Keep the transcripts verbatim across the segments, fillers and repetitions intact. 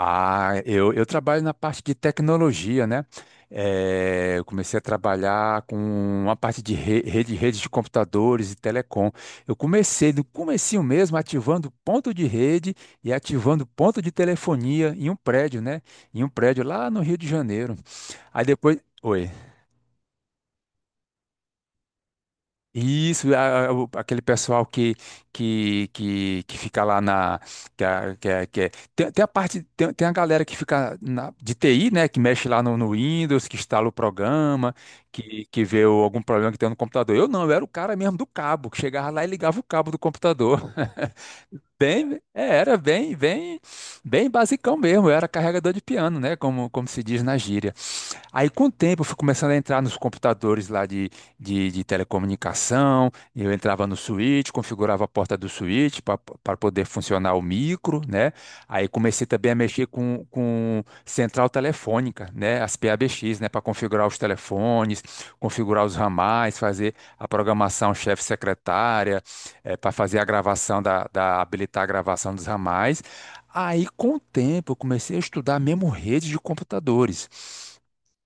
Ah, eu, eu trabalho na parte de tecnologia, né? Eh, eu comecei a trabalhar com uma parte de re- rede, redes de computadores e telecom. Eu comecei do comecinho mesmo, ativando ponto de rede e ativando ponto de telefonia em um prédio, né? Em um prédio lá no Rio de Janeiro. Aí depois. Oi. Isso, a- a- o- aquele pessoal que, que, que, que fica lá na. Que, a- que, a- que é- tem, tem a parte, tem, tem a galera que fica na, de T I, né? Que mexe lá no, no Windows, que instala o programa, que, que vê o- algum problema que tem no computador. Eu não, eu era o cara mesmo do cabo, que chegava lá e ligava o cabo do computador. Bem, é, era bem, bem, bem basicão mesmo. Eu era carregador de piano, né? Como, como se diz na gíria. Aí, com o tempo, eu fui começando a entrar nos computadores lá de, de, de telecomunicação. Eu entrava no switch, configurava a porta do switch para poder funcionar o micro, né? Aí comecei também a mexer com, com central telefônica, né? As P A B X, né? Para configurar os telefones, configurar os ramais, fazer a programação chefe-secretária, para fazer a gravação da, da habilitar a gravação dos ramais. Aí, com o tempo, eu comecei a estudar mesmo rede de computadores.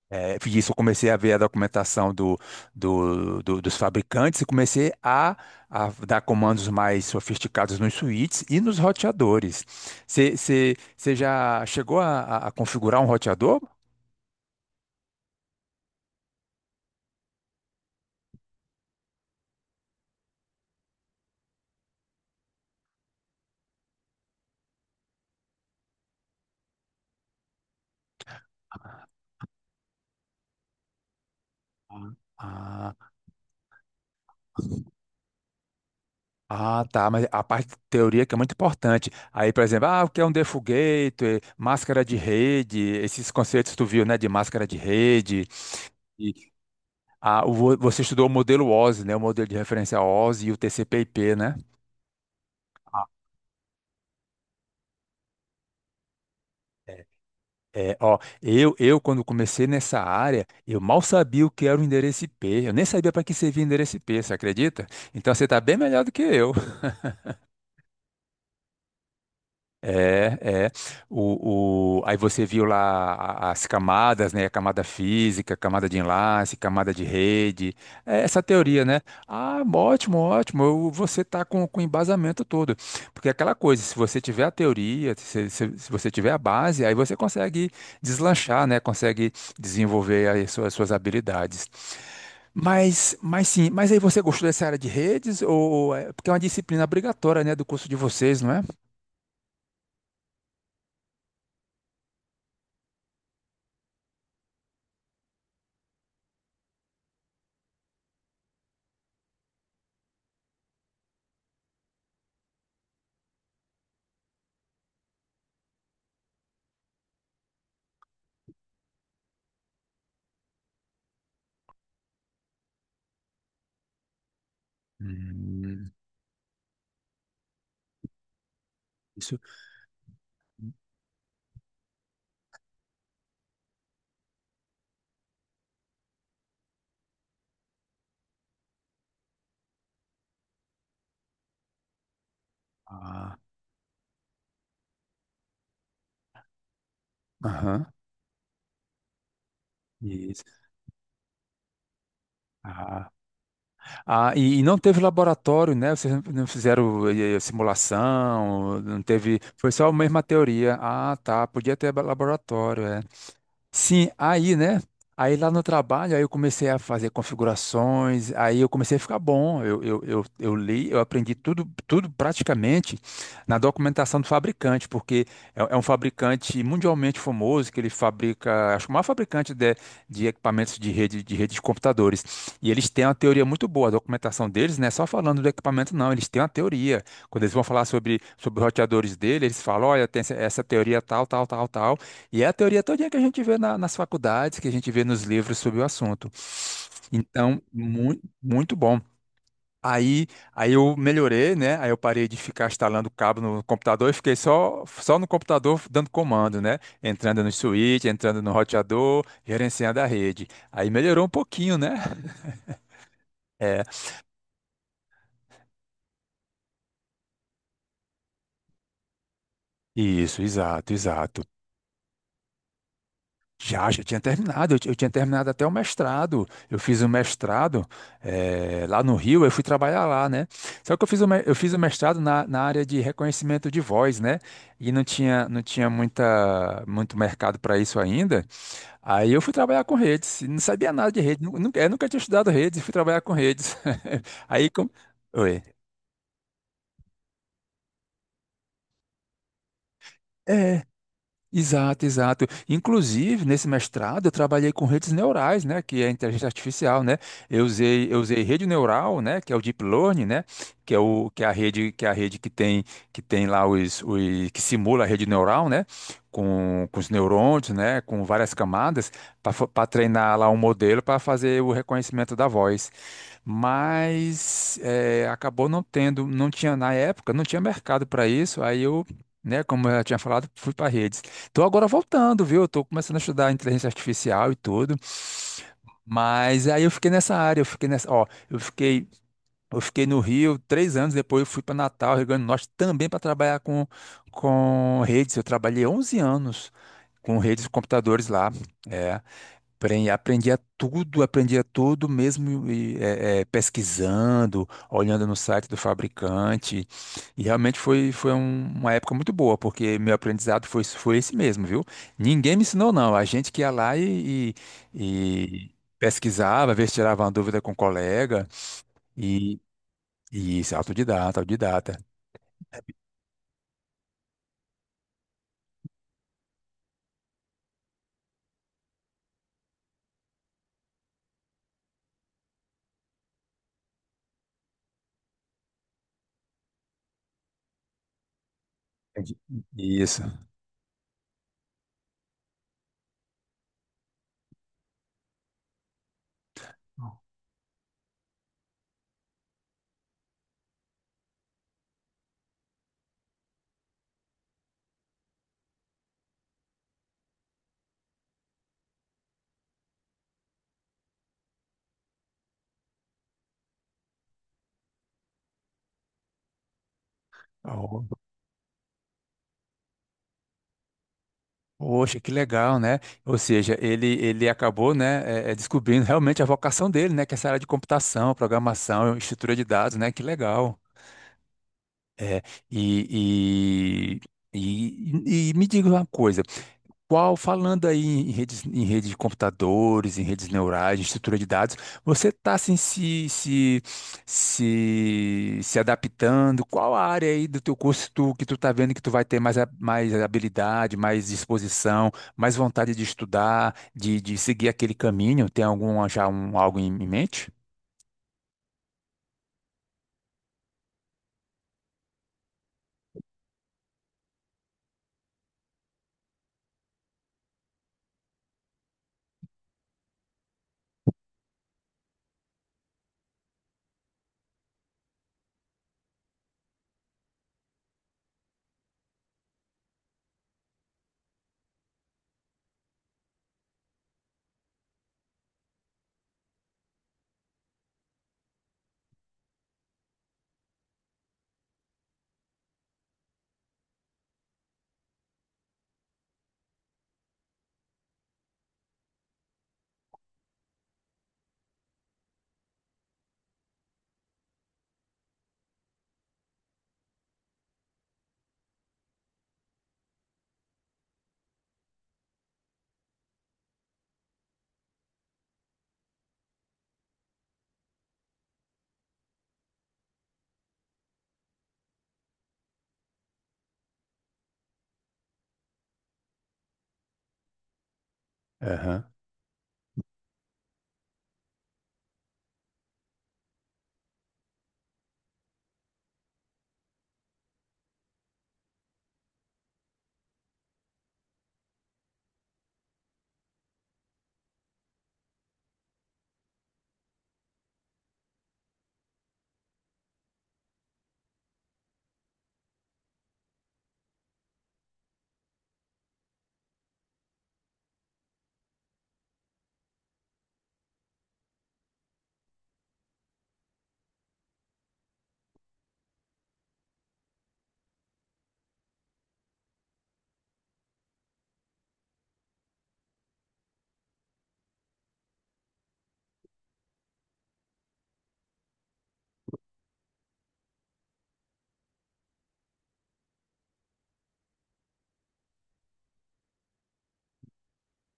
É, e isso eu comecei a ver a documentação do- do- do- dos fabricantes e comecei a, a dar comandos mais sofisticados nos switches e nos roteadores. Você já chegou a, a- a configurar um roteador? Ah, ah, tá, mas a parte teoria que é muito importante. Aí, por exemplo, ah, o que é um default gateway, máscara de rede, esses conceitos tu viu, né, de máscara de rede. E, ah, o- Você estudou o modelo O S I, né, o modelo de referência O S I e o T C P/I P, né? É, ó, eu, eu quando comecei nessa área, eu mal sabia o que era o endereço I P. Eu nem sabia para que servia endereço I P, você acredita? Então você está bem melhor do que eu. É, é. O, o... Aí você viu lá a- as camadas, né? A camada física, camada de enlace, camada de rede. É essa teoria, né? Ah, ótimo, ótimo. Eu- Você tá com, com o embasamento todo. Porque é aquela coisa, se você tiver a teoria, se, se, se você tiver a base, aí você consegue deslanchar, né? Consegue desenvolver aí as suas, as suas habilidades. Mas, mas sim, mas aí você gostou dessa área de redes? Ou, ou é- porque é uma disciplina obrigatória, né? Do curso de vocês, não é? Hum. Isso. Ah, aham. Isso. Ah, ah, e, e não teve laboratório, né? Vocês não não fizeram eh, eh, simulação, não teve. Foi só a mesma teoria. Ah, tá. Podia ter laboratório, é. Sim, aí, né? Aí lá no trabalho, aí eu comecei a fazer configurações, aí eu comecei a ficar bom. Eu, eu, eu, eu li, eu aprendi tudo, tudo praticamente na documentação do fabricante, porque é, é um fabricante mundialmente famoso, que ele fabrica, acho que o maior fabricante de, de equipamentos de rede, de rede de computadores. E eles têm uma teoria muito boa, a documentação deles não é só falando do equipamento, não, eles têm uma teoria. Quando eles vão falar sobre, sobre os roteadores dele, eles falam, olha, tem essa essa teoria tal, tal, tal, tal. E é a teoria todinha que a gente vê na- nas faculdades, que a gente vê nos livros sobre o assunto. Então, muito, muito bom. Aí, aí eu melhorei, né? Aí eu parei de ficar instalando cabo no computador e fiquei só, só no computador dando comando, né? Entrando no switch, entrando no roteador, gerenciando a rede. Aí melhorou um pouquinho, né? É, isso, exato, exato. Já, já tinha terminado, eu, ti- eu tinha terminado até o mestrado. Eu fiz o mestrado eh, lá no Rio, eu fui trabalhar lá, né? Só que eu fiz o, me- eu fiz o mestrado na, na área de reconhecimento de voz, né? E não tinha, não tinha muita, muito mercado para isso ainda. Aí eu fui trabalhar com redes, e não sabia nada de rede, nu- nunca, eu nunca tinha estudado redes, e fui trabalhar com redes. Aí, com... Oi. É, exato, exato. Inclusive, nesse mestrado, eu trabalhei com redes neurais, né, que é a inteligência artificial, né? Eu usei, eu usei rede neural, né, que é o deep learning, né, que é o que é a rede, que é a rede que tem que tem lá os, os que simula a rede neural, né, com, com os neurônios, né, com várias camadas para treinar lá um modelo para fazer o reconhecimento da voz mas eh, acabou não tendo, não tinha na época, não tinha mercado para isso, aí eu, né, como eu já tinha falado, fui para redes. Tô agora voltando, viu? Eu tô começando a estudar inteligência artificial e tudo. Mas aí eu fiquei nessa área, eu fiquei nessa, ó, eu fiquei, eu fiquei no Rio três anos, depois eu fui para Natal, Rio Grande do Norte, também para trabalhar com, com redes. Eu trabalhei 11 anos com redes de computadores lá. É. Apren- Aprendia tudo, aprendia tudo mesmo e, é, é, pesquisando, olhando no site do fabricante. E realmente foi, foi um- uma época muito boa, porque meu aprendizado foi, foi esse mesmo, viu? Ninguém me ensinou, não. A gente que ia lá e, e- e pesquisava, às vezes tirava uma dúvida com um colega. E, e isso, autodidata, autodidata. Entendi. Isso. Oh, poxa, que legal, né? Ou seja, ele, ele acabou, né, é, é, descobrindo realmente a vocação dele, né, que é essa área de computação, programação, estrutura de dados, né? Que legal. É, e, e, e, e me diga uma coisa, qual, falando aí em redes, em redes de computadores, em redes neurais, em estrutura de dados, você está assim, se, se, se, se adaptando? Qual a área aí do teu curso tu- que tu está vendo que tu vai ter mais, a- mais habilidade, mais disposição, mais vontade de estudar, de, de seguir aquele caminho? Tem algum já um, algo em, em mente? Aham.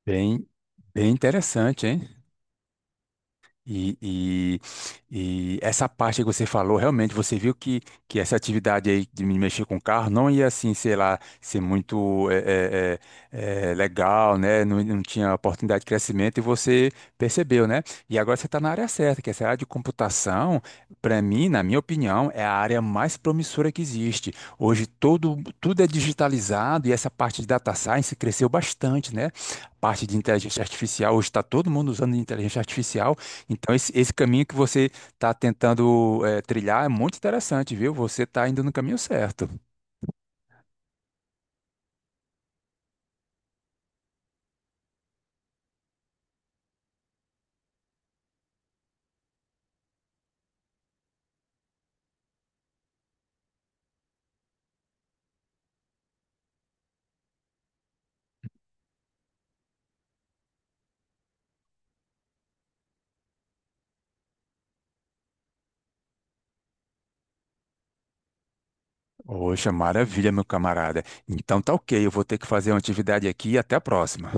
Bem, bem interessante, hein? E, e- e essa parte que você falou, realmente você viu que, que essa atividade aí de me mexer com o carro não ia assim, sei lá, ser muito eh, eh, eh, eh, legal, né? Não, não tinha oportunidade de crescimento e você percebeu, né? E agora você está na área certa, que essa área de computação, para mim, na minha opinião, é a área mais promissora que existe. Hoje todo, tudo é digitalizado e essa parte de data science cresceu bastante, né? Parte de inteligência artificial, hoje está todo mundo usando inteligência artificial então, esse, esse caminho que você está tentando eh, trilhar é muito interessante, viu? Você está indo no caminho certo. Poxa, maravilha, meu camarada. Então tá ok, eu vou ter que fazer uma atividade aqui e até a próxima.